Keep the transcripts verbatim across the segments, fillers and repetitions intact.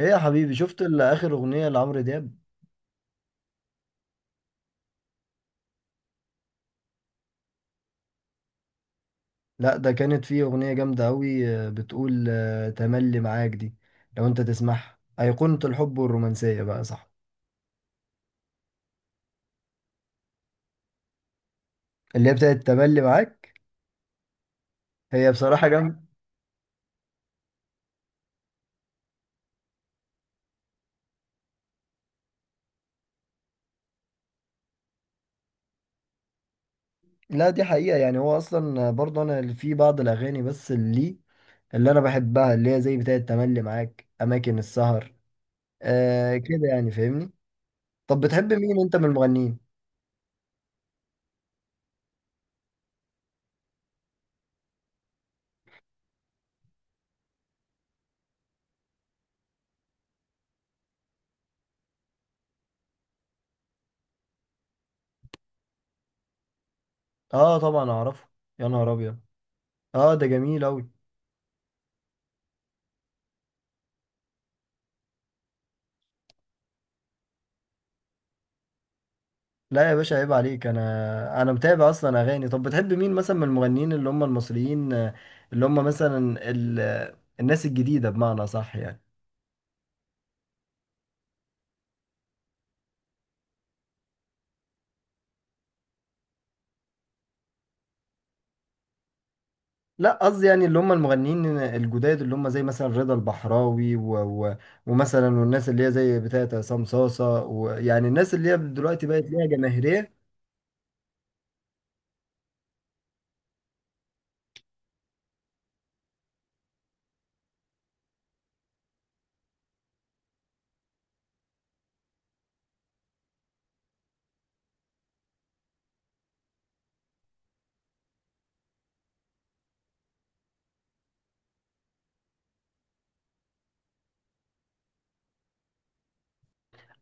ايه يا حبيبي، شفت ال- اخر اغنية لعمرو دياب؟ لا، ده كانت فيه اغنية جامدة قوي. بتقول آه، تملي معاك دي. لو انت تسمعها، ايقونة الحب والرومانسية بقى، صح؟ اللي هي بتاعت تملي معاك، هي بصراحة جامدة. لا، دي حقيقة. يعني هو اصلا برضه انا اللي في بعض الاغاني، بس اللي اللي انا بحبها، اللي هي زي بتاعت تملي معاك، اماكن السهر. آه كده، يعني فاهمني. طب بتحب مين انت من المغنيين؟ اه طبعا اعرفه. يا نهار ابيض! اه ده جميل اوي. لا يا باشا، عيب عليك، انا انا متابع اصلا اغاني. طب بتحب مين مثلا من المغنيين اللي هم المصريين؟ آه، اللي هم مثلا ال... آه، الناس الجديده، بمعنى صح يعني؟ لا، قصدي يعني اللي هم المغنيين الجداد، اللي هم زي مثلا رضا البحراوي و... و... ومثلا، والناس اللي هي زي بتاعت عصام صاصه، ويعني الناس اللي هي دلوقتي بقت ليها جماهيريه.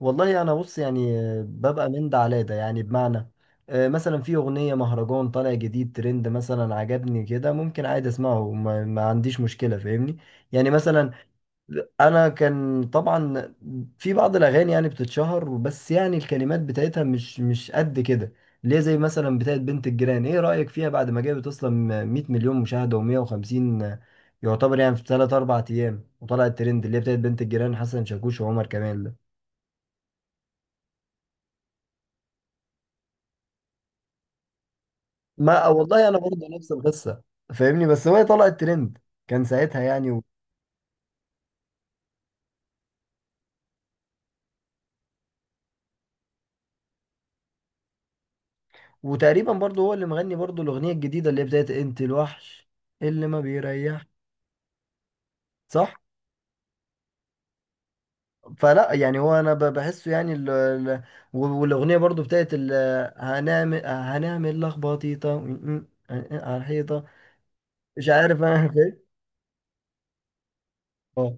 والله انا بص، يعني آه، ببقى من ده على ده، يعني بمعنى، آه، مثلا في اغنيه مهرجان طالع جديد ترند، مثلا عجبني كده، ممكن عادي اسمعه، ما, ما عنديش مشكله، فاهمني. يعني مثلا، انا كان طبعا في بعض الاغاني يعني بتتشهر، بس يعني الكلمات بتاعتها مش مش قد كده، ليه؟ زي مثلا بتاعت بنت الجيران، ايه رايك فيها بعد ما جابت اصلا مئة مليون مشاهده ومية وخمسين؟ يعتبر يعني في ثلاثة اربعة ايام وطلعت ترند، اللي هي بتاعت بنت الجيران، حسن شاكوش وعمر كمال. ما والله، انا برضه نفس القصه، فاهمني، بس هو طلع الترند كان ساعتها، يعني و... وتقريبا برضه هو اللي مغني برضه الاغنيه الجديده، اللي هي بتاعت انت الوحش، اللي ما بيريح، صح؟ فلا يعني، هو انا ب- بحسه يعني ال... ال... و- والاغنيه برضه بتاعت ال... هنعمل هنعمل لخبطيطه م- م- على الحيطه. مش عارف انا فاهم. اه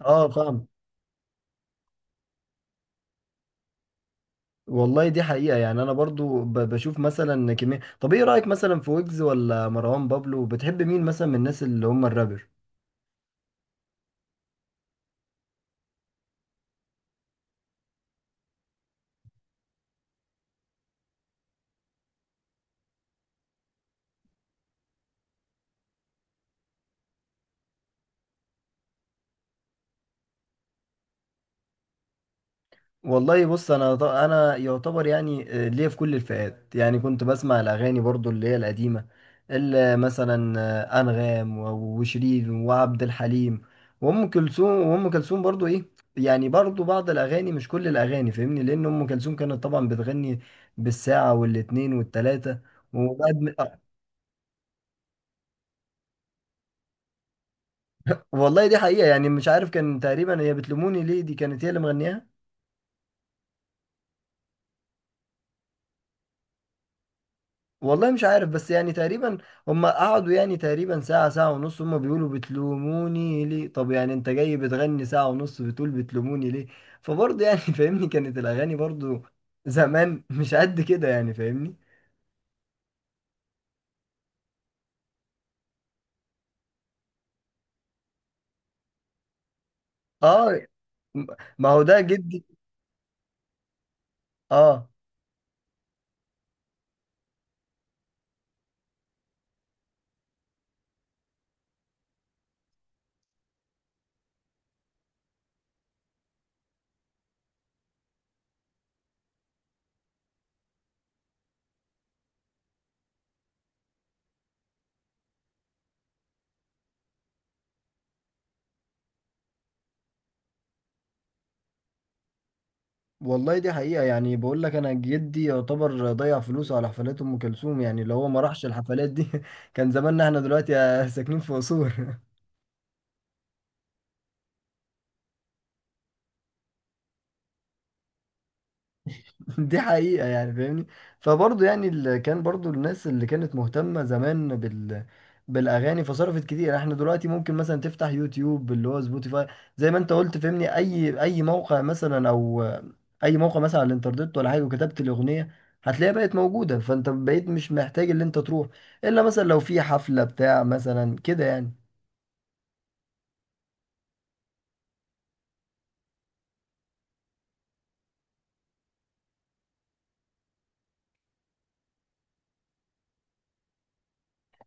اه، فاهم. والله دي حقيقة، يعني أنا برضو ب- بشوف مثلا كمية. طب إيه رأيك مثلا في ويجز ولا مروان بابلو؟ بتحب مين مثلا من الناس اللي هم الرابر؟ والله بص، أنا ط- أنا يعتبر، يعني آه، ليا في كل الفئات. يعني كنت بسمع الأغاني برضو اللي هي القديمة، اللي مثلا آه، أنغام و- وشيرين وعبد الحليم وأم كلثوم، وأم كلثوم برضو إيه، يعني برضو بعض الأغاني، مش كل الأغاني، فاهمني، لأن أم كلثوم كانت طبعا بتغني بالساعة والاتنين والتلاتة وبعد. والله دي حقيقة، يعني مش عارف، كان تقريبا هي بتلوموني ليه، دي كانت هي اللي مغنياها. والله مش عارف، بس يعني تقريبا هم قعدوا يعني تقريبا ساعة، ساعة ونص، هم بيقولوا بتلوموني ليه. طب يعني انت جاي بتغني ساعة ونص بتقول بتلوموني ليه؟ فبرضه يعني فاهمني، كانت الأغاني برضه زمان مش قد كده، يعني فاهمني. اه، ما هو ده جدي. اه والله، دي حقيقة، يعني بقول لك، أنا جدي يعتبر ضيع فلوسه على حفلات أم كلثوم. يعني لو هو ما راحش الحفلات دي كان زماننا احنا دلوقتي ساكنين في أسوان. دي حقيقة، يعني فاهمني. فبرضه يعني، اللي كان برضه الناس اللي كانت مهتمة زمان بال بالأغاني، فصرفت كتير. احنا دلوقتي ممكن مثلا تفتح يوتيوب، اللي هو سبوتيفاي، زي ما انت قلت فاهمني، أي أي موقع مثلا، أو أي موقع مثلا على الإنترنت ولا حاجة، وكتبت الأغنية هتلاقيها بقت موجودة. فانت بقيت مش محتاج اللي انت تروح، إلا مثلا لو في حفلة بتاع مثلا، كده يعني.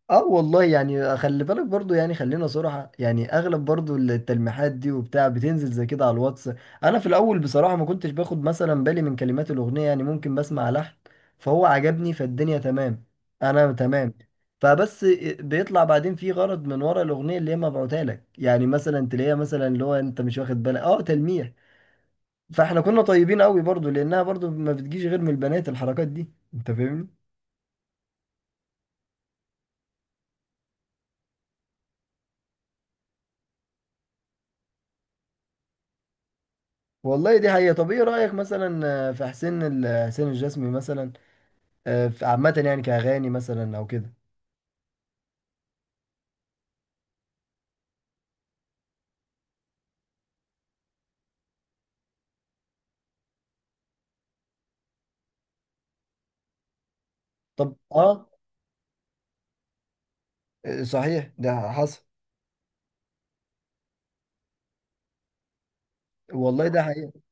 اه والله، يعني خلي بالك برضو، يعني خلينا صراحة، يعني اغلب برضو التلميحات دي وبتاع بتنزل زي كده على الواتس. انا في الاول بصراحة ما كنتش باخد مثلا بالي من كلمات الاغنية، يعني ممكن بسمع لحن فهو عجبني، فالدنيا تمام، انا تمام، فبس بيطلع بعدين في غرض من ورا الاغنية اللي هي مبعوتها لك، يعني مثلا تلاقيها مثلا اللي هو انت مش واخد بالك، اه، تلميح. فاحنا كنا طيبين قوي برضو، لانها برضو ما بتجيش غير من البنات الحركات دي، انت فاهمني. والله دي حقيقة. طب ايه رأيك مثلا آه، في حسين ال- حسين الجسمي مثلا؟ آه، في- عامة يعني، كأغاني مثلا او كده؟ طب اه، آه، صحيح ده حصل. والله ده حقيقة.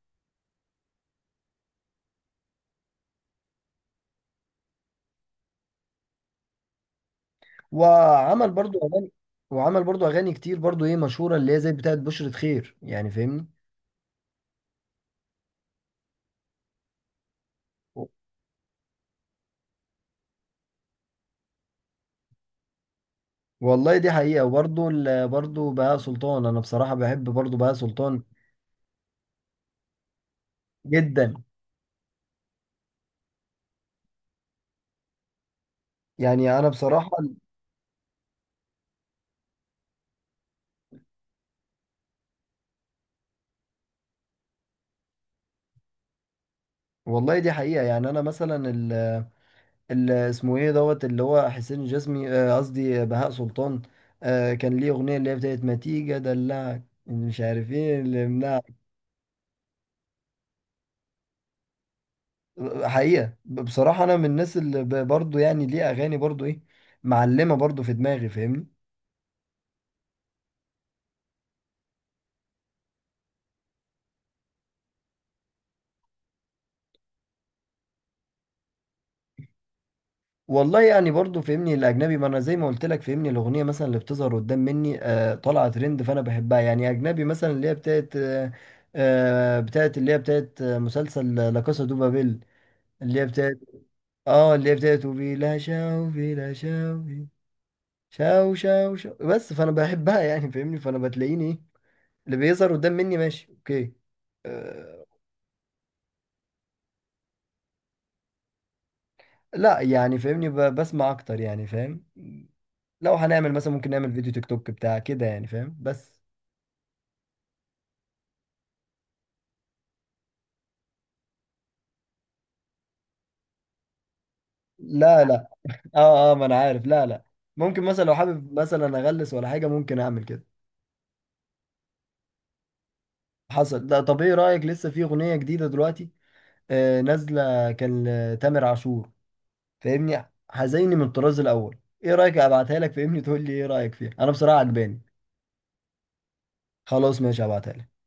وعمل برضو اغاني وعمل برضو اغاني كتير برضو ايه مشهورة، اللي هي زي بتاعت بشرة خير، يعني فاهمني. والله دي حقيقة، وبرضو ال- برضو بهاء سلطان. انا بصراحة بحب برضو بهاء سلطان جدا، يعني انا بصراحة. والله دي حقيقة، يعني انا مثلا، اللي اسمه ايه دوت، اللي هو حسين الجسمي، آه، قصدي بهاء سلطان، آه، كان ليه اغنيه اللي هي بتاعت ما تيجي ادلعك، مش عارف ايه اللي منع. حقيقه، ب- بصراحه انا من الناس اللي ب- برضو يعني ليه اغاني برضو ايه معلمه برضو في دماغي، فاهمني. والله يعني برضو فهمني الاجنبي، ما انا زي ما قلت لك فهمني، الاغنيه مثلا اللي بتظهر قدام مني آه، طالعه ترند فانا بحبها. يعني اجنبي مثلا اللي هي بتاعت آه، آه، بتاعت اللي هي بتاعت آه، مسلسل لا كاسا دو بابيل، اللي هي بتاعت، اه، اللي هي بتاعت بلا شوفي لا شوفي شاو شاو شاو، بس فانا بحبها يعني، فاهمني. فانا بتلاقيني ايه اللي بيظهر قدام مني ماشي اوكي، أه. لا يعني فاهمني، ب- بسمع اكتر، يعني فاهم؟ لو هنعمل مثلا، ممكن نعمل فيديو تيك توك بتاع كده، يعني فاهم، بس. لا لا، اه اه، ما انا عارف، لا لا. ممكن مثلا لو حابب مثلا اغلس ولا حاجه، ممكن اعمل كده. حصل. لا، طب ايه رايك؟ لسه في اغنيه جديده دلوقتي آه نازله، كان لتامر عاشور، فاهمني، هزيني، من الطراز الاول. ايه رايك ابعتها لك فاهمني؟ تقول لي ايه رايك فيها، انا بصراحه عجباني. خلاص ماشي، هبعتها لك.